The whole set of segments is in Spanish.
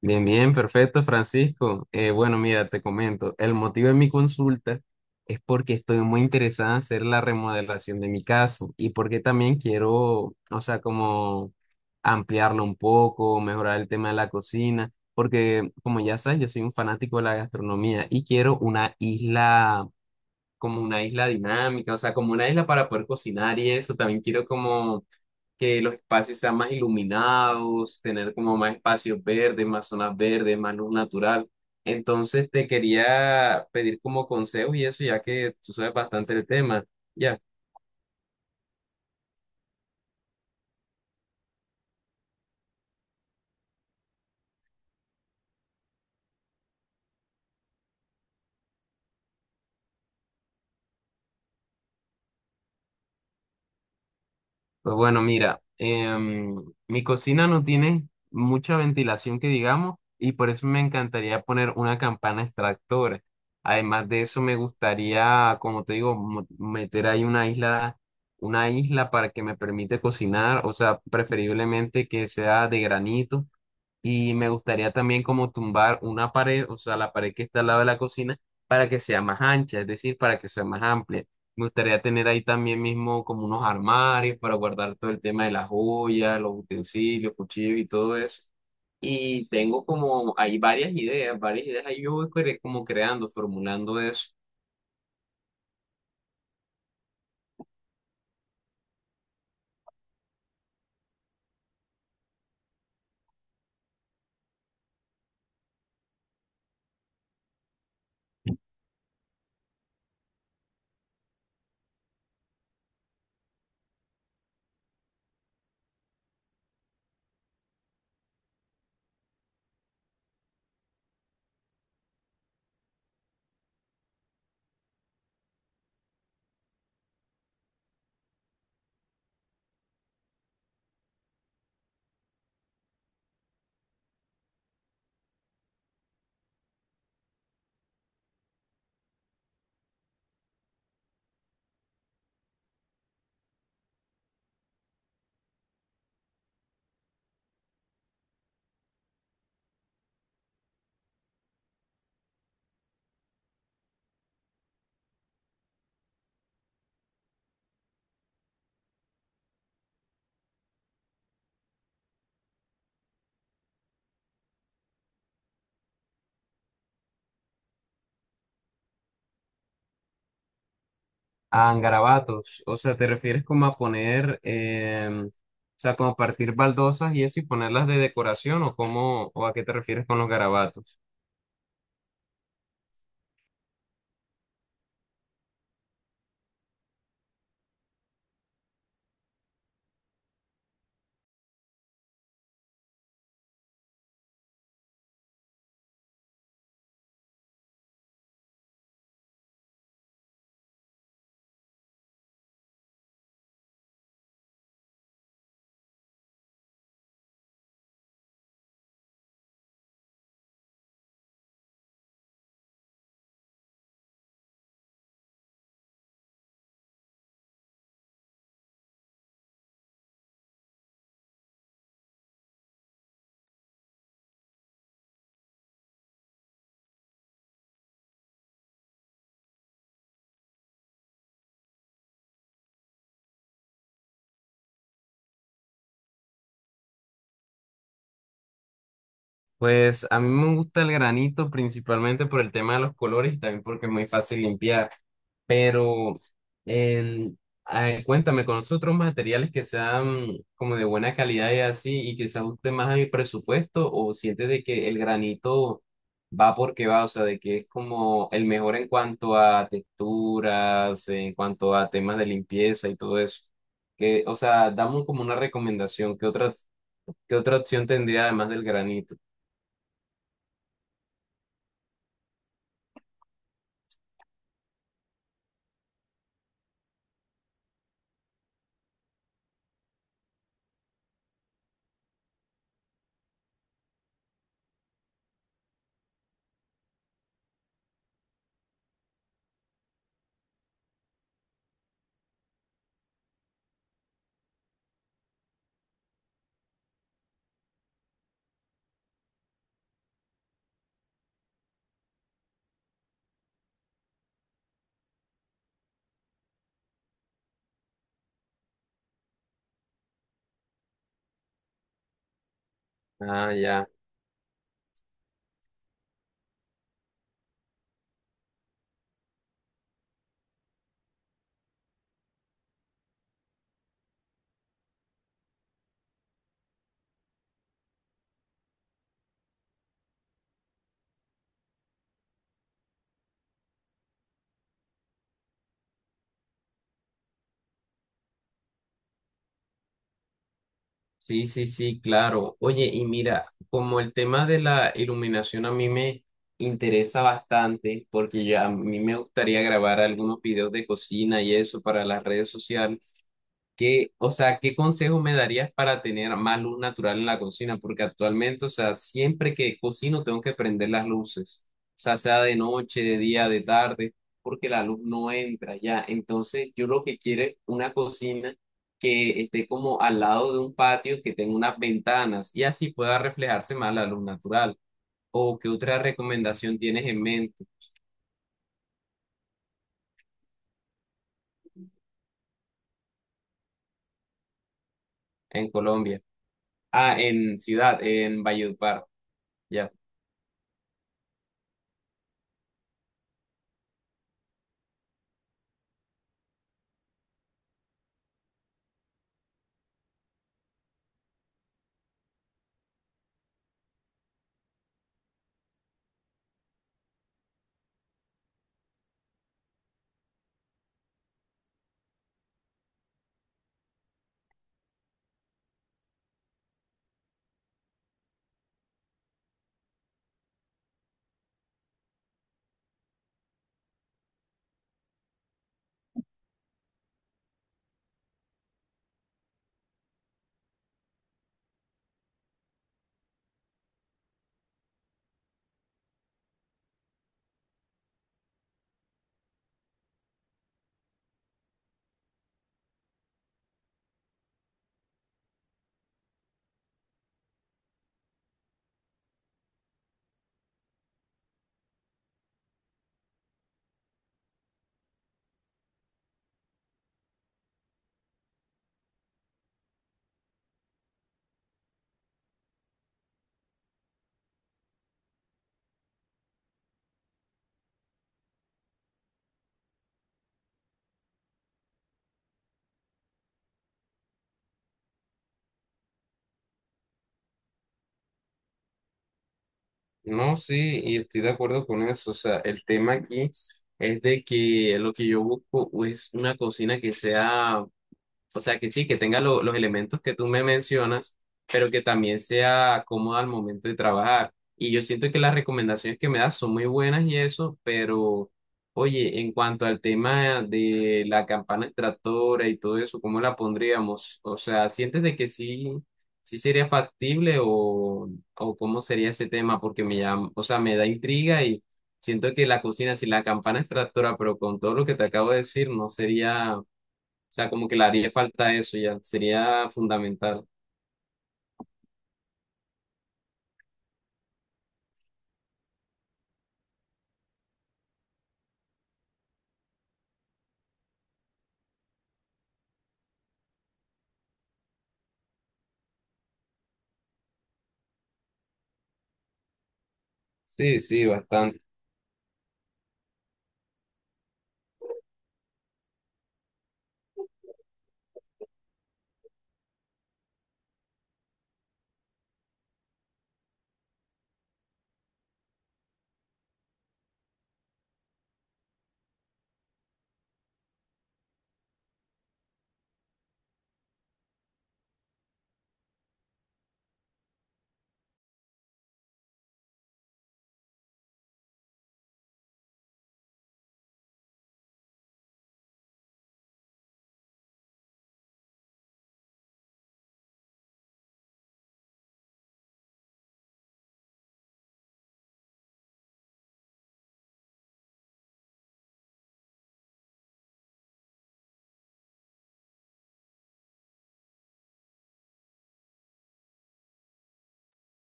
Bien, bien, perfecto, Francisco. Bueno, mira, te comento, el motivo de mi consulta es porque estoy muy interesada en hacer la remodelación de mi casa y porque también quiero, o sea, como ampliarlo un poco, mejorar el tema de la cocina, porque como ya sabes, yo soy un fanático de la gastronomía y quiero una isla, como una isla dinámica, o sea, como una isla para poder cocinar y eso, también quiero como que los espacios sean más iluminados, tener como más espacios verdes, más zonas verdes, más luz natural. Entonces te quería pedir como consejos y eso, ya que tú sabes bastante el tema, ya. Pues bueno, mira, mi cocina no tiene mucha ventilación que digamos y por eso me encantaría poner una campana extractora. Además de eso, me gustaría, como te digo, meter ahí una isla para que me permite cocinar, o sea, preferiblemente que sea de granito y me gustaría también como tumbar una pared, o sea, la pared que está al lado de la cocina, para que sea más ancha, es decir, para que sea más amplia. Me gustaría tener ahí también mismo como unos armarios para guardar todo el tema de las joyas, los utensilios, cuchillos y todo eso. Y tengo como, hay varias ideas ahí yo voy cre- como creando, formulando eso. A garabatos, o sea, ¿te refieres como a poner, o sea, como a partir baldosas y eso y ponerlas de decoración o cómo, o a qué te refieres con los garabatos? Pues a mí me gusta el granito principalmente por el tema de los colores y también porque es muy fácil limpiar. Pero el, ah, cuéntame, ¿conoces otros materiales que sean como de buena calidad y así y que se ajusten más a mi presupuesto o sientes de que el granito va porque va? O sea, de que es como el mejor en cuanto a texturas, en cuanto a temas de limpieza y todo eso. Que, o sea, dame como una recomendación, qué otra opción tendría además del granito? Ah, ya. Sí, sí, sí, claro. Oye, y mira, como el tema de la iluminación a mí me interesa bastante, porque ya a mí me gustaría grabar algunos videos de cocina y eso para las redes sociales. ¿Qué, o sea, qué consejo me darías para tener más luz natural en la cocina? Porque actualmente, o sea, siempre que cocino tengo que prender las luces, o sea, sea de noche, de día, de tarde, porque la luz no entra ya. Entonces, yo lo que quiero es una cocina que esté como al lado de un patio, que tenga unas ventanas y así pueda reflejarse más la luz natural. ¿O qué otra recomendación tienes en mente en Colombia? Ah, en ciudad, en Valledupar, ya. No, sí, y estoy de acuerdo con eso. O sea, el tema aquí es de que lo que yo busco es una cocina que sea o sea, que sí, que tenga los elementos que tú me mencionas, pero que también sea cómoda al momento de trabajar. Y yo siento que las recomendaciones que me das son muy buenas y eso, pero oye, en cuanto al tema de la campana extractora y todo eso, ¿cómo la pondríamos? O sea, ¿sientes de que sí, sí sería factible o cómo sería ese tema? Porque me llama, o sea, me da intriga y siento que la cocina sin la campana extractora, pero con todo lo que te acabo de decir, no sería o sea, como que le haría falta eso ya, sería fundamental. Sí, sí, bastante.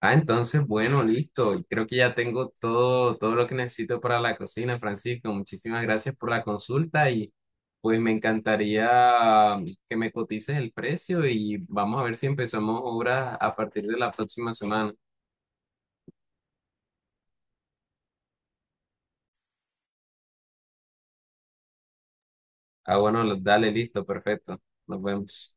Ah, entonces, bueno, listo. Creo que ya tengo todo lo que necesito para la cocina, Francisco. Muchísimas gracias por la consulta y pues me encantaría que me cotices el precio y vamos a ver si empezamos obras a partir de la próxima semana. Ah, bueno, dale, listo, perfecto. Nos vemos.